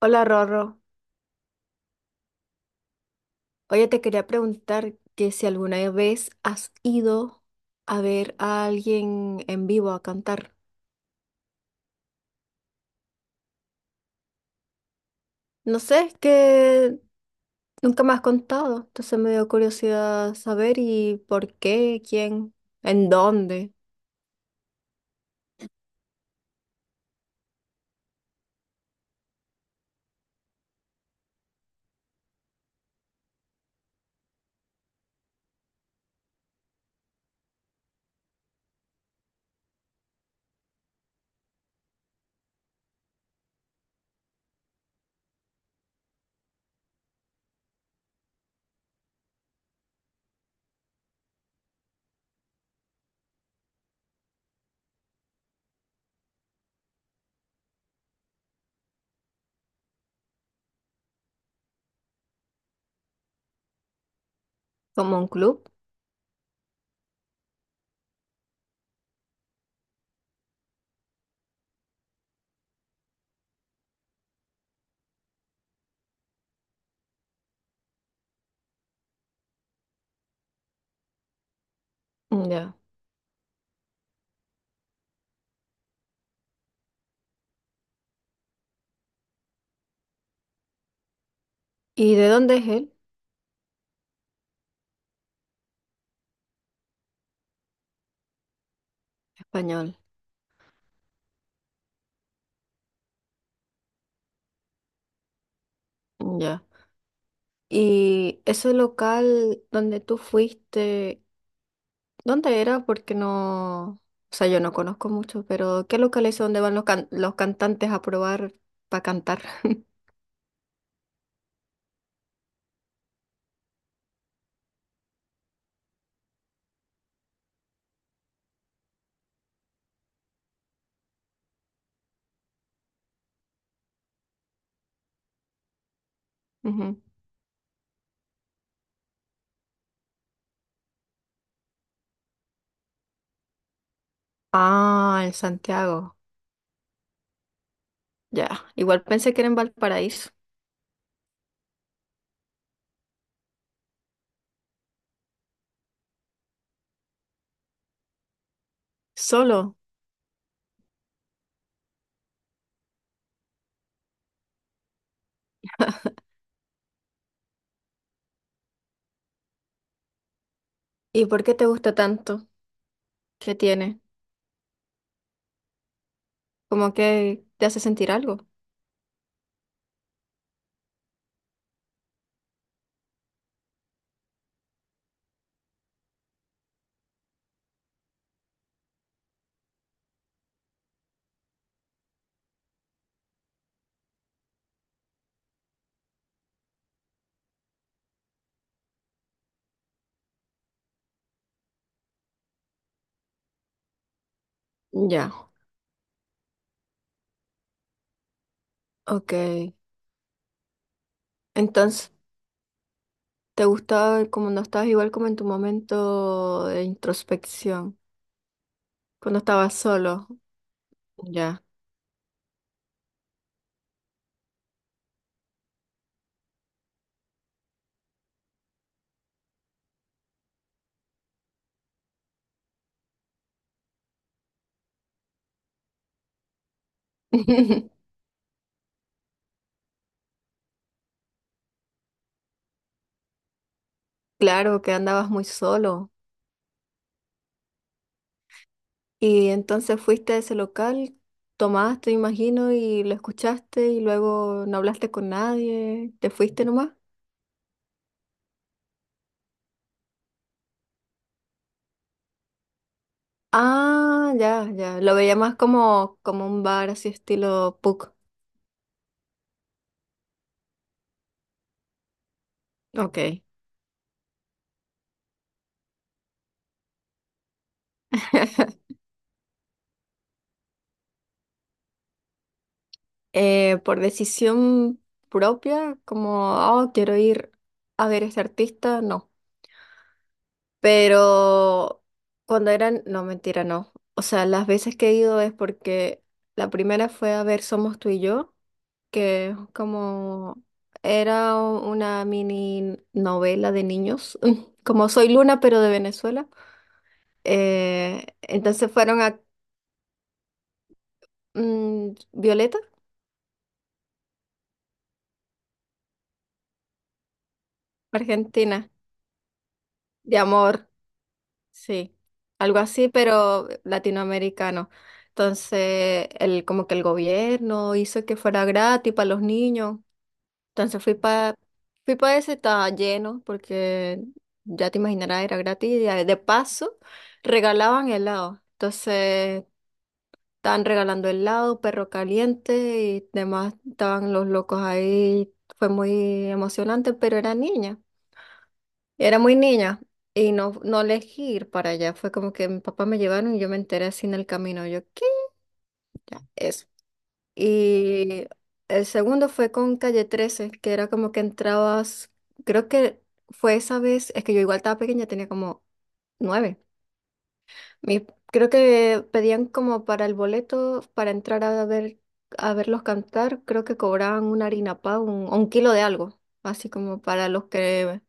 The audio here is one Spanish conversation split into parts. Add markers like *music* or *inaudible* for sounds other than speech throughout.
Hola Rorro, oye te quería preguntar que si alguna vez has ido a ver a alguien en vivo a cantar. No sé, es que nunca me has contado, entonces me dio curiosidad saber y por qué, quién, en dónde, como un club. Mm, ya. ¿Y de dónde es él? Español. Mm, ya. ¿Y ese local donde tú fuiste? ¿Dónde era? Porque no, o sea, yo no conozco mucho, pero ¿qué locales son donde van los cantantes a probar para cantar? *laughs* Ujú. Ah, en Santiago. Ya, igual pensé que era en Valparaíso. Solo. ¿Y por qué te gusta tanto? ¿Qué tiene? ¿Como que te hace sentir algo? Ya, ok. Entonces, ¿te gustaba como no estabas igual como en tu momento de introspección? Cuando estabas solo. Ya. *laughs* Claro que andabas muy solo. Y entonces fuiste a ese local, tomaste, imagino, y lo escuchaste y luego no hablaste con nadie, te fuiste nomás. Ah, ya, ya. Lo veía más como un bar así estilo pub. Ok. *laughs* Por decisión propia, como, oh, quiero ir a ver a este artista, no. Pero cuando eran, no, mentira, no. O sea, las veces que he ido es porque la primera fue a ver Somos tú y yo. Que como era una mini novela de niños, *laughs* como Soy Luna, pero de Venezuela. Entonces fueron a Violeta, Argentina, de amor, sí, algo así, pero latinoamericano. Entonces, como que el gobierno hizo que fuera gratis para los niños. Entonces fui pa ese, estaba lleno porque ya te imaginarás, era gratis y de paso regalaban helado. Entonces estaban regalando helado, perro caliente y demás, estaban los locos ahí. Fue muy emocionante, pero era niña, era muy niña y no elegí ir para allá. Fue como que mi papá me llevaron y yo me enteré así en el camino. Yo, ¿qué? Y el segundo fue con Calle 13 que era como que entrabas, creo que fue esa vez, es que yo igual estaba pequeña, tenía como nueve. Mi- Creo que pedían como para el boleto, para entrar a ver, a verlos cantar, creo que cobraban una harina pa, un, o un kilo de algo, así como para los que,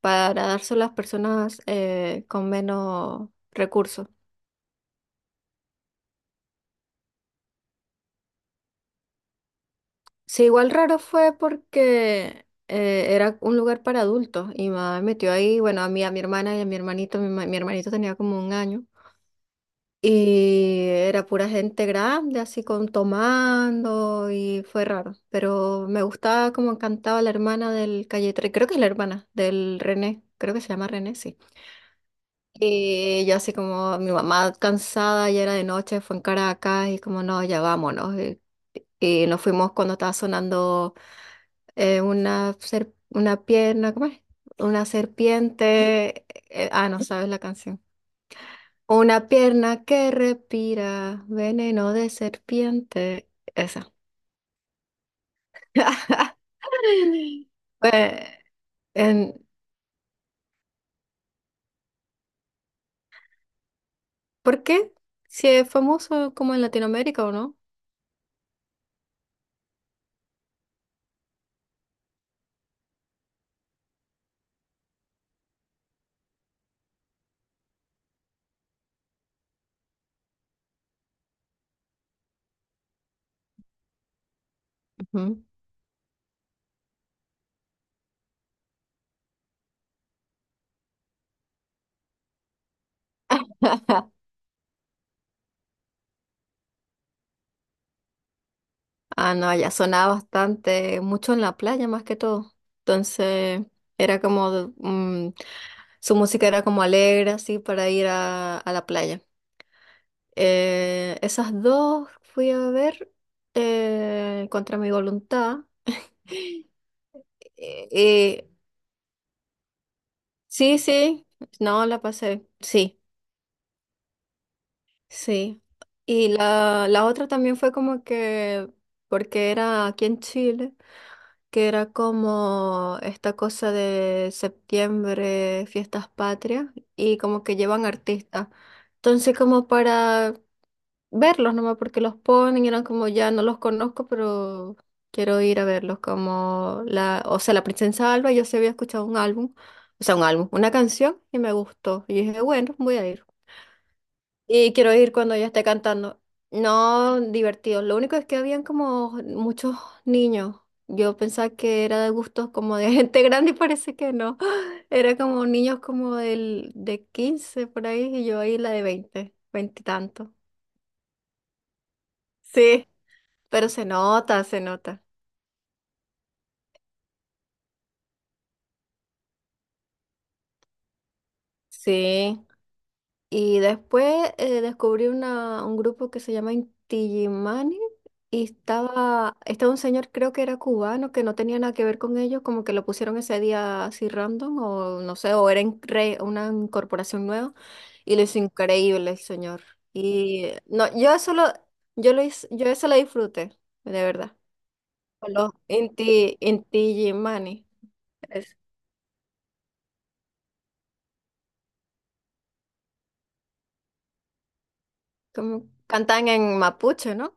para darse a las personas con menos recursos. Sí, igual raro fue porque era un lugar para adultos y mamá me metió ahí, bueno, a mí, a mi hermana y a mi hermanito, mi hermanito tenía como un año y era pura gente grande, así con tomando y fue raro, pero me gustaba como cantaba la hermana del Calle 13, creo que es la hermana del René, creo que se llama René, sí. Y yo así como mi mamá cansada, ya era de noche, fue en Caracas y como no, ya vámonos. Y nos fuimos cuando estaba sonando una pierna, ¿cómo es? Una serpiente, ah, no sabes la canción. Una pierna que respira veneno de serpiente, esa. *laughs* Pues, en- ¿por qué? Si es famoso como en Latinoamérica o no. Ujú. Ah, no, allá sonaba bastante, mucho en la playa más que todo. Entonces, era como, su música era como alegre, así, para ir a la playa. Esas dos fui a ver contra mi voluntad. Eh, eh, sí, sí, no, la pasé, sí, sí. Y la otra también fue como que, porque era aquí en Chile, que era como esta cosa de septiembre, fiestas patrias, y como que llevan artistas. Entonces, como para verlos nomás porque los ponen, y eran como ya no los conozco, pero quiero ir a verlos como la, o sea, la Princesa Alba, yo sí había escuchado un álbum, o sea, un álbum, una canción y me gustó. Y dije, bueno, voy a ir. Y quiero ir cuando ella esté cantando. No, divertido. Lo único es que habían como muchos niños. Yo pensaba que era de gustos como de *laughs* gente grande y parece que no. *gasps* Era como niños como de 15 por ahí y yo ahí la de 20 20 y tanto. Sí. Pero se nota, se nota. Sí. Y después descubrí un grupo que se llama Intigimani y estaba un señor, creo que era cubano, que no tenía nada que ver con ellos, como que lo pusieron ese día así random o no sé, o era una incorporación nueva y lo hizo increíble el señor. Y no, yo eso lo disfruté, de verdad. Con los Intigimani. Es como cantan en mapuche, ¿no?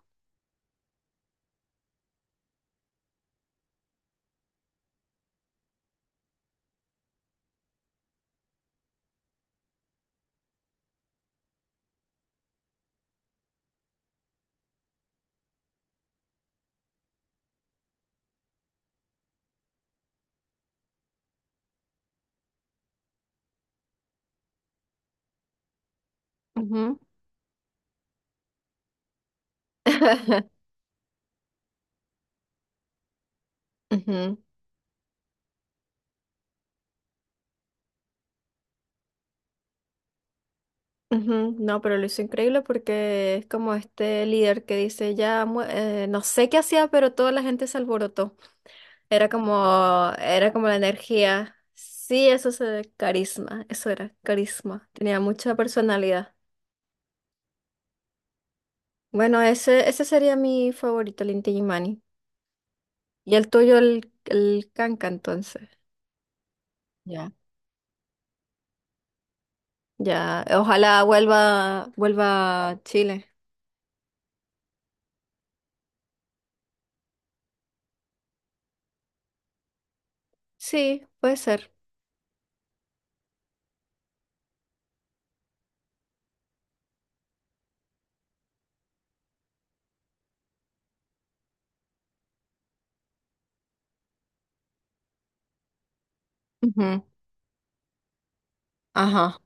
Ujú, ujú, ujú. No, pero lo hizo increíble porque es como este líder que dice, ya, no sé qué hacía, pero toda la gente se alborotó. Era como la energía. Sí, eso es carisma, eso era, carisma. Tenía mucha personalidad. Bueno, ese sería mi favorito, el Inti Illimani. Y el tuyo, el Kanka, entonces. Ya. Ya, ojalá vuelva a Chile. Sí, puede ser. Ujú, ajá.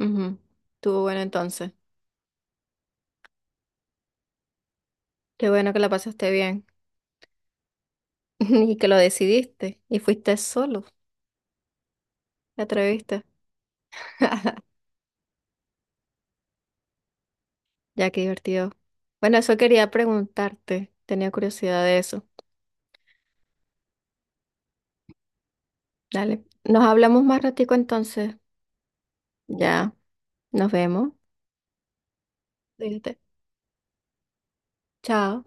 Ujú. Estuvo bueno entonces. Qué bueno que la pasaste bien *laughs* y que lo decidiste y fuiste solo, te atreviste. *laughs* Ya, qué divertido. Bueno, eso quería preguntarte. Tenía curiosidad de eso. Dale. Nos hablamos más ratico entonces. Ya, nos vemos. Cuídate. Chao.